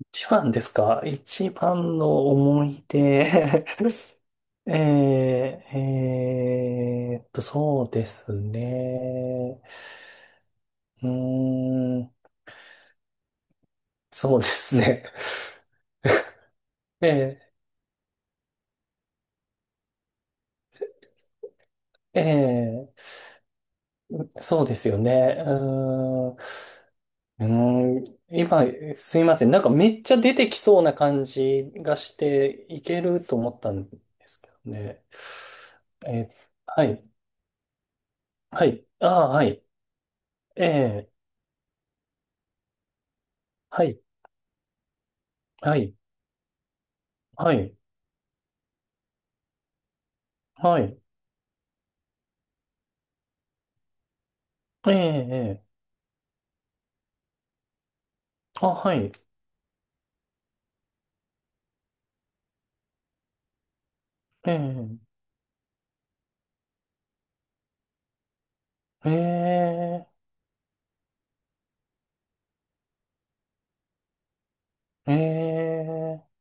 一番ですか？一番の思い出。 そうですね。うーん、そうですね。えー、えそうですよね。うーん、うーん、今、すいません。なんかめっちゃ出てきそうな感じがして、いけると思ったんですけどね。えーはい、はい、ああ、はい、ええはい。はい。はい。はい。ええ、ええ。あ、はい。ええ、ええ、ええ、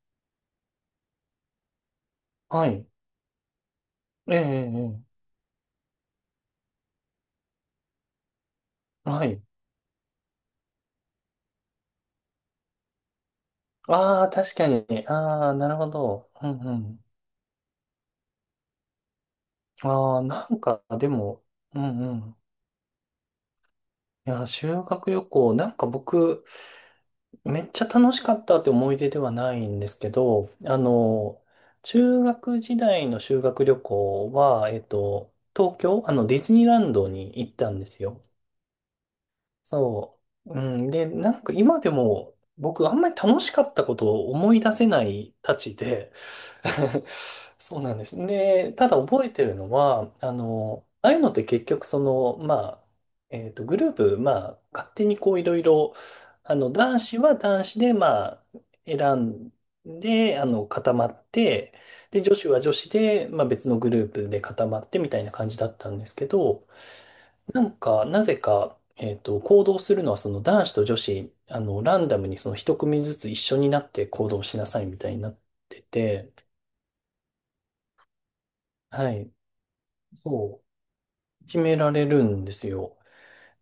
はい。ええ、ええはい。ああ、確かに。ああ、なるほど。うんうん。ああ、なんか、でも、うんうん。いや、修学旅行、なんか僕、めっちゃ楽しかったって思い出ではないんですけど、あの、中学時代の修学旅行は、東京、あの、ディズニーランドに行ったんですよ。そう。うん。で、なんか今でも僕あんまり楽しかったことを思い出せないたちで そうなんです。で、ただ覚えてるのは、あの、ああいうのって結局その、まあ、グループ、まあ、勝手にこういろいろ、あの、男子は男子で、まあ、選んで、あの、固まって、で、女子は女子で、まあ別のグループで固まってみたいな感じだったんですけど、なんか、なぜか、行動するのは、その男子と女子、あの、ランダムにその一組ずつ一緒になって行動しなさいみたいになってて、はい、そう、決められるんですよ。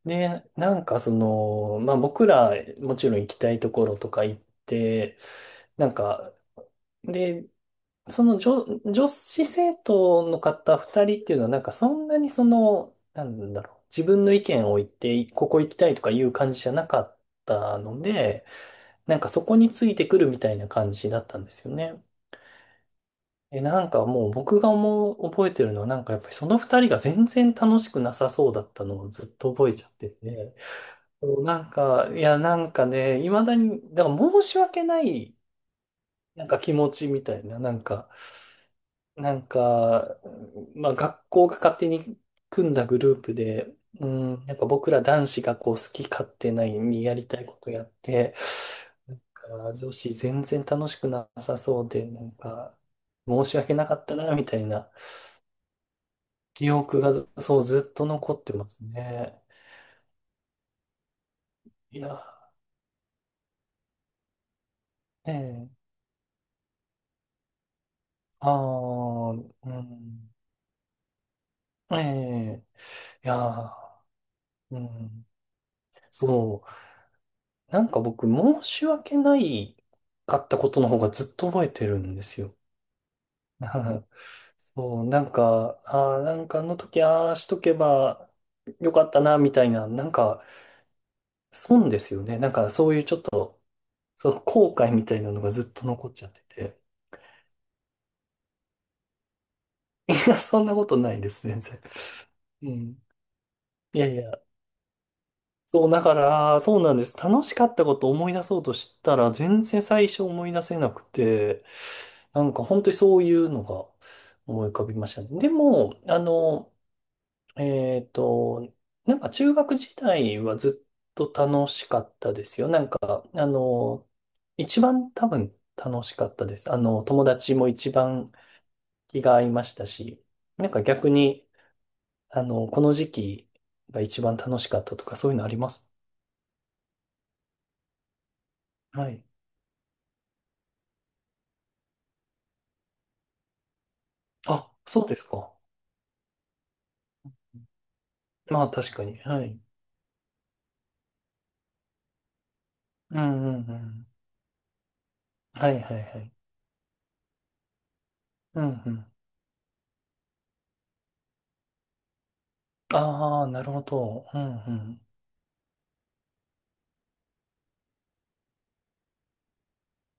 で、なんかその、まあ僕ら、もちろん行きたいところとか行って、なんか、で、その女、女子生徒の方二人っていうのは、なんかそんなにその、なんだろう、自分の意見を言って、ここ行きたいとかいう感じじゃなかったので、なんかそこについてくるみたいな感じだったんですよね。え、なんかもう僕が思う、覚えてるのはなんかやっぱりその二人が全然楽しくなさそうだったのをずっと覚えちゃってて、そうなんか、いやなんかね、未だに、だから申し訳ないなんか気持ちみたいな、なんか、まあ学校が勝手に組んだグループで、うん、なんか僕ら男子がこう好き勝手ないにやりたいことやって、なんか女子全然楽しくなさそうで、なんか申し訳なかったな、みたいな記憶がずそうずっと残ってますね。いや、ねえ、ああ、うん、ええ、いや、うん、そう。なんか僕、申し訳ないかったことの方がずっと覚えてるんですよ。そう、なんか、ああ、なんかあの時、ああしとけばよかったな、みたいな、なんか、損ですよね。なんか、そういうちょっと、その後悔みたいなのがずっと残っちゃってて。いや、そんなことないです、全然。うん。いやいや。そう、だから、そうなんです。楽しかったことを思い出そうとしたら、全然最初思い出せなくて、なんか本当にそういうのが思い浮かびましたね。でも、あの、えっと、なんか中学時代はずっと楽しかったですよ。なんか、あの、一番多分楽しかったです。あの、友達も一番気が合いましたし、なんか逆に、あの、この時期が一番楽しかったとか、そういうのあります？はい。あ、そうですか。まあ確かに。はい。うんうんうん。はいはいはい。うんうん。ああ、なるほど。うん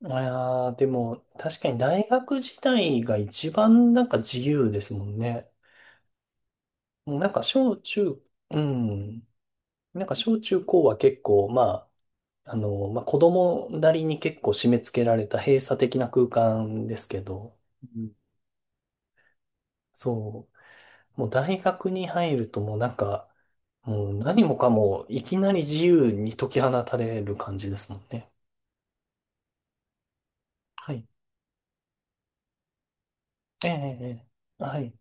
うん。いやー、でも確かに大学時代が一番なんか自由ですもんね。もうなんか小中、うん。なんか小中高は結構、まあ、あの、まあ子供なりに結構締め付けられた閉鎖的な空間ですけど、うんそう。もう大学に入るともうなんか、もう何もかもいきなり自由に解き放たれる感じですもんね。はい。ええ、ええええはい。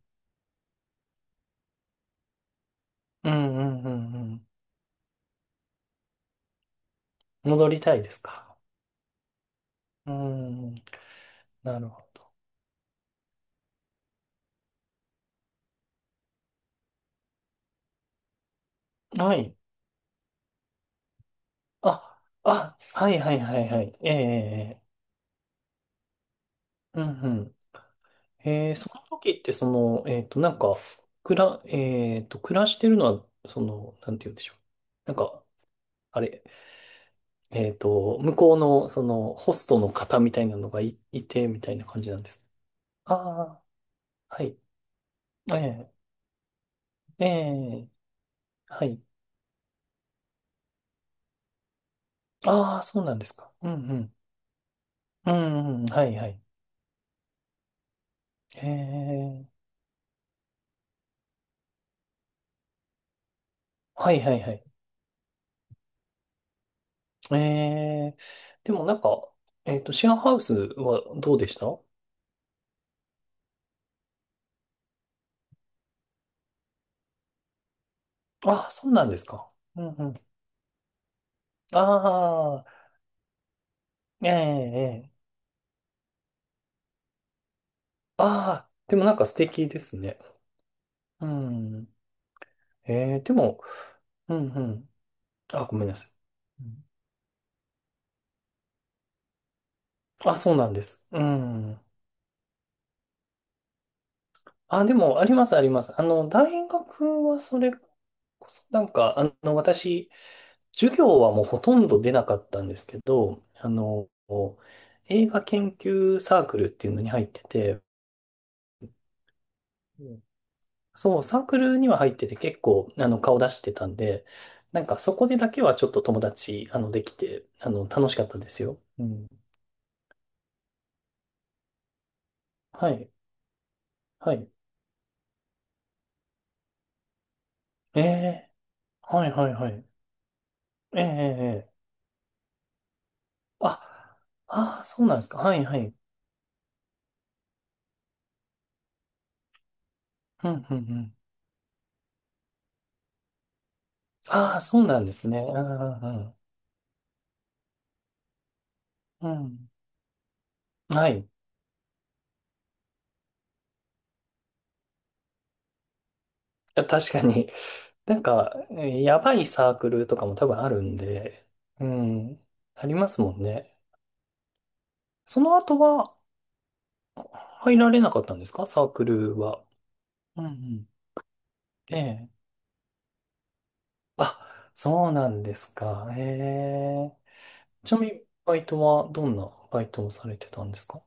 うんうんうんうん。戻りたいですか？うん、なるほど。はい。あ、あ、はいはいはいはい。ええ、ええええうんうん。ええ、その時ってその、なんか、くら、えっと、暮らしてるのは、その、なんて言うんでしょう。なんか、あれ、向こうの、その、ホストの方みたいなのがいて、みたいな感じなんです。ああ。はい。ええ、ええ、はい。ああ、そうなんですか。うんうん。うんうん、はい、はい。ええ、はい、はい、はい。ええ、でもなんか、シェアハウスはどうでした？ああ、そうなんですか。うんうん。ああ、ええ、ええ。ああ、でもなんか素敵ですね。うん。ええ、でも、うんうん。あ、ごめんなさい。うんあ、そうなんです。うん。あ、でも、あります、あります。あの、大学はそれこそ、なんか、あの、私、授業はもうほとんど出なかったんですけど、あの、映画研究サークルっていうのに入ってて、うんそう、サークルには入ってて結構、あの、顔出してたんで、なんかそこでだけはちょっと友達、あの、できて、あの、楽しかったですよ。うん。はい。はい。ええはい、はい、はい。ええええええあ、ああ、そうなんですか。はい、はい。うん、うん、うん。ああ、そうなんですね。うんうんうん。うん。はい。確かに。なんか、やばいサークルとかも多分あるんで、うん。ありますもんね。その後は入られなかったんですか？サークルは。うんうん。ええ。あ、そうなんですか。ええ。ちなみに、バイトはどんなバイトをされてたんですか？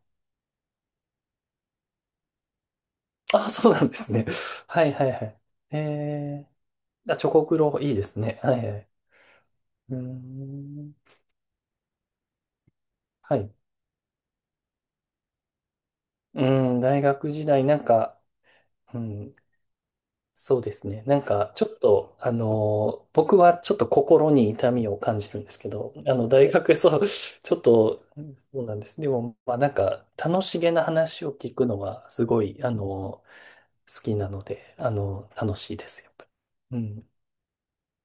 あ、そうなんですね。はいはいはい。ええ。あ、チョコクロ、いいですね。はいはい。うーん。はい。うん、大学時代、なんか、うん、そうですね。なんか、ちょっと、僕はちょっと心に痛みを感じるんですけど、あの、大学、そう、ちょっと、うんそうなんです。でも、まあ、なんか、楽しげな話を聞くのは、すごい、好きなので、楽しいです、やっぱり。うん。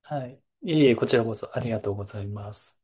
はい。いえいえ、こちらこそ、ありがとうございます。